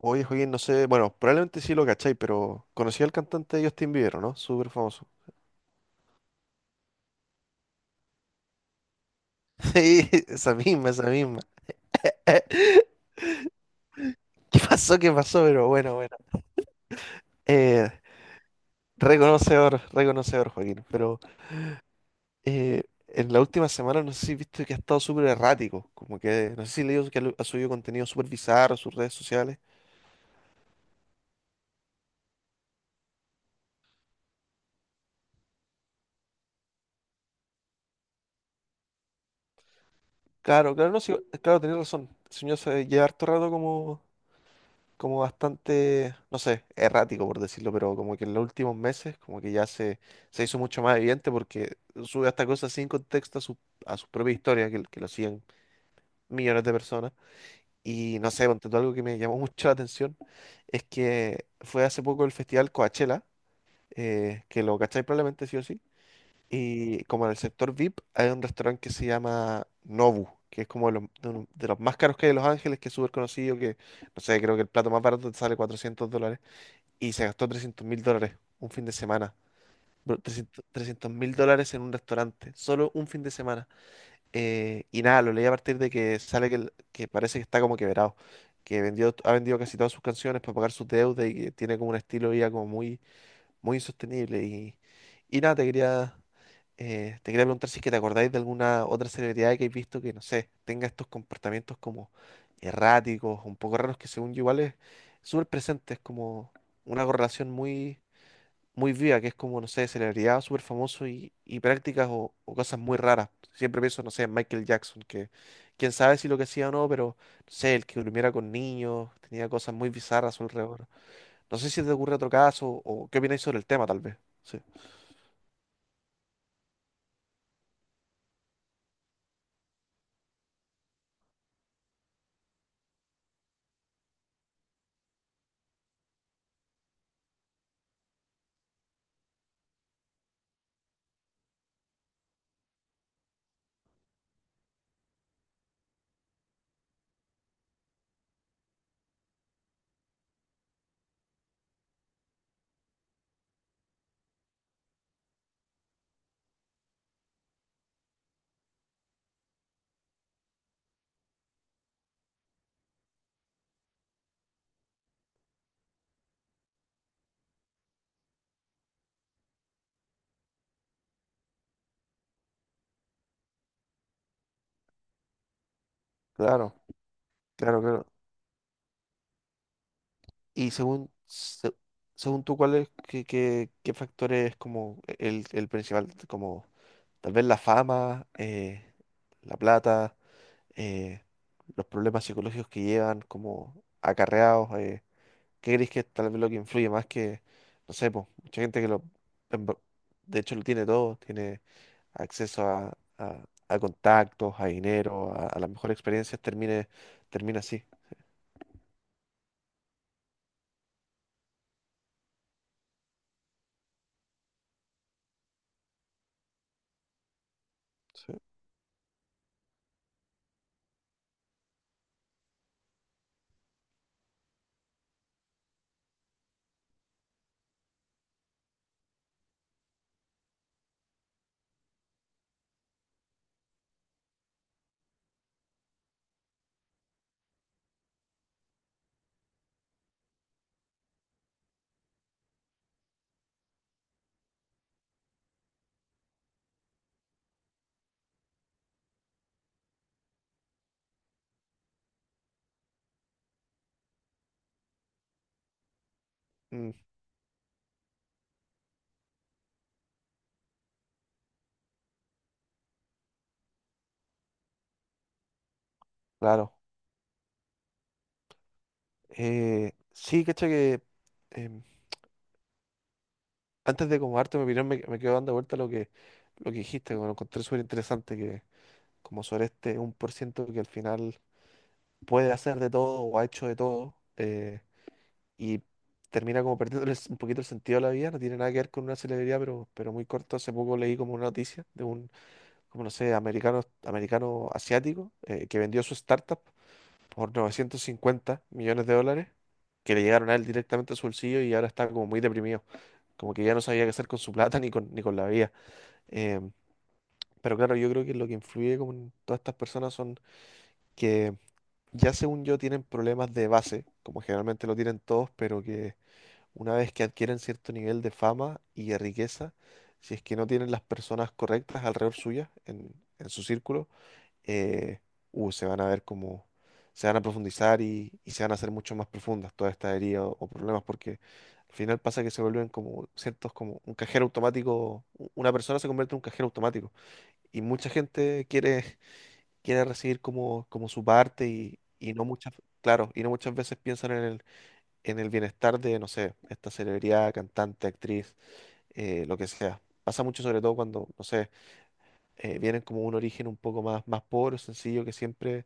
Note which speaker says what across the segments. Speaker 1: Oye, Joaquín, no sé, bueno, probablemente sí lo cacháis, pero conocí al cantante Justin Bieber, ¿o ¿no? Súper famoso. Sí, esa misma, esa misma. ¿Qué pasó? ¿Qué pasó? Pero bueno, bueno. Eh, reconocedor, reconocedor, Joaquín. Pero en la última semana no sé si viste que ha estado súper errático. Como que, no sé si leído que ha subido contenido súper bizarro a sus redes sociales. Claro, claro, no, sí, claro, tenés razón. El señor se lleva harto rato como bastante, no sé, errático por decirlo, pero como que en los últimos meses como que ya se hizo mucho más evidente porque sube esta cosa sin contexto a su propia historia, que lo siguen millones de personas. Y no sé, ponte tú, algo que me llamó mucho la atención es que fue hace poco el festival Coachella, que lo cacháis probablemente sí o sí, y como en el sector VIP hay un restaurante que se llama Nobu. Que es como de los, de los más caros que hay en Los Ángeles, que es súper conocido, que, no sé, creo que el plato más barato te sale $400 y se gastó $300.000 un fin de semana. Bro, $300.000 en un restaurante, solo un fin de semana. Y nada, lo leí a partir de que sale que, que parece que está como quebrado, que ha vendido casi todas sus canciones para pagar sus deudas y que tiene como un estilo de vida como muy muy insostenible. Y nada, te quería preguntar si es que te acordáis de alguna otra celebridad que hayáis visto que, no sé, tenga estos comportamientos como erráticos, un poco raros, que según yo igual es súper presente, es como una correlación muy, muy viva, que es como, no sé, celebridad súper famoso y prácticas o cosas muy raras. Siempre pienso, no sé, en Michael Jackson, que quién sabe si lo que hacía o no, pero, no sé, el que durmiera con niños, tenía cosas muy bizarras a su alrededor. No sé si te ocurre otro caso o qué opináis sobre el tema, tal vez. Sí, claro, claro, claro. Y según, según tú, ¿cuál es, qué factor es como el principal? Como tal vez la fama, la plata, eh, los problemas psicológicos que llevan como acarreados. ¿Qué crees que es tal vez lo que influye más que, no sé, po, mucha gente que lo, en ver- de hecho lo tiene todo, tiene acceso a contactos, a dinero, a las mejores experiencias, termina así. Sí. Mm, claro. Sí, cacha que em, antes de como darte mi opinión me quedo dando vuelta lo que dijiste, que me lo encontré súper interesante, que como sobre este 1% que al final puede hacer de todo o ha hecho de todo. Y termina como perdiéndoles un poquito el sentido a la vida, no tiene nada que ver con una celebridad, pero muy corto, hace poco leí como una noticia de un, como no sé, americano asiático que vendió su startup por 950 millones de dólares, que le llegaron a él directamente a su bolsillo y ahora está como muy deprimido, como que ya no sabía qué hacer con su plata ni con la vida. Em, pero claro, yo creo que lo que influye como en todas estas personas son que ya según yo tienen problemas de base, como generalmente lo tienen todos, pero que una vez que adquieren cierto nivel de fama y de riqueza, si es que no tienen las personas correctas alrededor suya, en su círculo, eh, se van a ver como, se van a profundizar y se van a hacer mucho más profundas todas estas heridas o problemas, porque al final pasa que se vuelven como ciertos, como un cajero automático, una persona se convierte en un cajero automático y mucha gente quiere recibir como su parte y no muchas, claro, y no muchas veces piensan en el bienestar de, no sé, esta celebridad, cantante, actriz, lo que sea. Pasa mucho sobre todo cuando, no sé, vienen como un origen un poco más pobre o sencillo, que siempre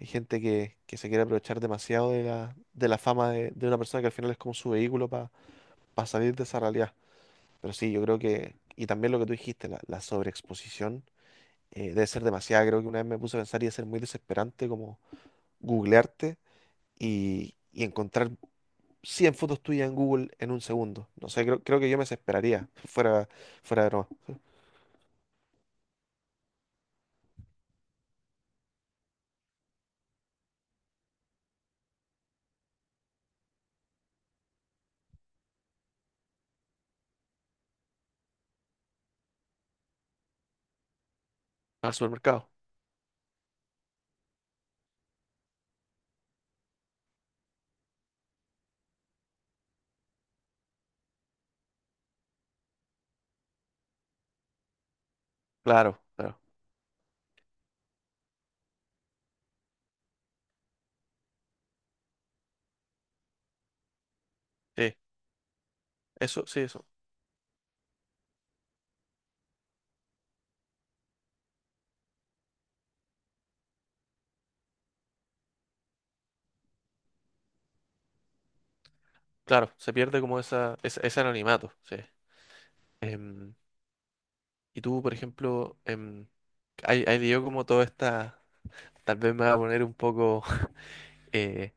Speaker 1: hay gente que se quiere aprovechar demasiado de la fama de una persona que al final es como su vehículo para salir de esa realidad. Pero sí, yo creo que, y también lo que tú dijiste, la sobreexposición debe ser demasiada. Creo que una vez me puse a pensar y debe ser muy desesperante como googlearte y encontrar 100 fotos tuyas en Google en un segundo. No sé, creo que yo me desesperaría fuera de broma. Al supermercado. Claro, claro. Sí, eso, sí, eso. Claro, se pierde como esa, ese anonimato, sí. Em, y tú, por ejemplo, ahí yo como toda esta, tal vez me va a poner un poco eh,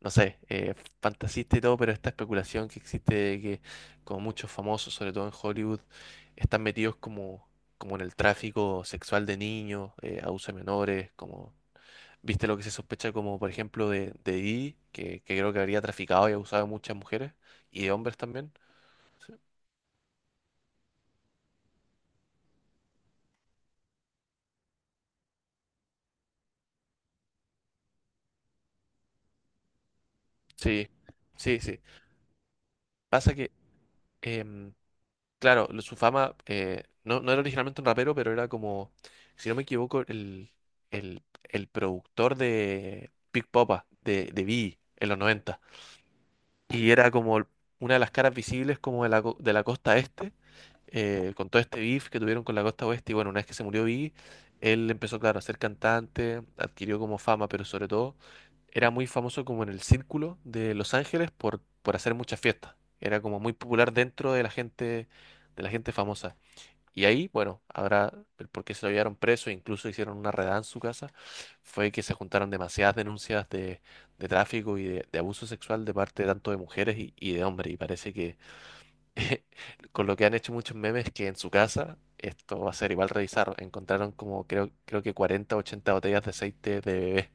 Speaker 1: no sé, fantasista y todo, pero esta especulación que existe de que como muchos famosos, sobre todo en Hollywood, están metidos como en el tráfico sexual de niños, abuso de menores, como, viste lo que se sospecha como, por ejemplo, de Didi, que creo que habría traficado y abusado de muchas mujeres y de hombres también. Sí, sí, sí. Pasa que... em, Claro, su fama no, no era originalmente un rapero, pero era como, si no me equivoco, el productor de Big Popa, de Biggie, en los 90 y era como una de las caras visibles como de la costa este, con todo este beef que tuvieron con la costa oeste. Y bueno, una vez que se murió Biggie, él empezó, claro, a ser cantante, adquirió como fama, pero sobre todo era muy famoso como en el círculo de Los Ángeles por hacer muchas fiestas. Era como muy popular dentro de la gente famosa. Y ahí, bueno, ahora, el por qué se lo llevaron preso, incluso hicieron una redada en su casa, fue que se juntaron demasiadas denuncias de tráfico y de abuso sexual de parte tanto de mujeres y de hombres. Y parece que con lo que han hecho muchos memes, que en su casa esto va a ser igual revisar. Encontraron como creo que 40 o 80 botellas de aceite de bebé,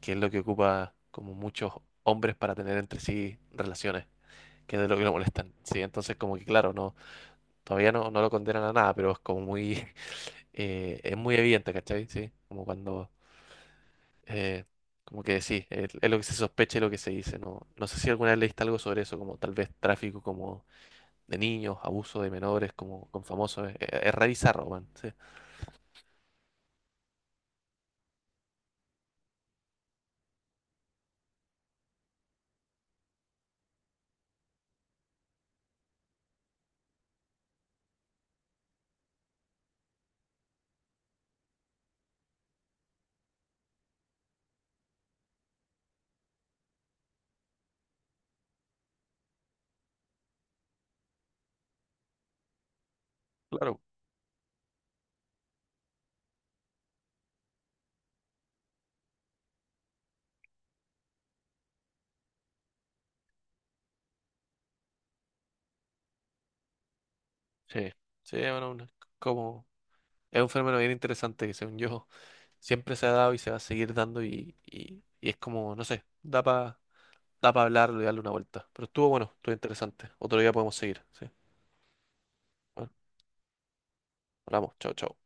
Speaker 1: que es lo que ocupa como muchos hombres para tener entre sí relaciones, que es de lo que lo molestan. Sí, entonces como que claro, no, todavía no lo condenan a nada, pero es muy evidente, ¿cachai? Sí, como cuando, eh, como que sí, es lo que se sospecha y lo que se dice. No, no sé si alguna vez leíste algo sobre eso, como tal vez tráfico como de niños, abuso de menores, como con famosos. Es re bizarro, weón. Sí, claro. Sí, sí, bueno, como, es un fenómeno bien interesante que según yo siempre se ha dado y se va a seguir dando y es como, no sé, da para da pa hablarlo y darle una vuelta. Pero estuvo bueno, estuvo interesante. Otro día podemos seguir, sí. Bueno, hablamos, chao, chao.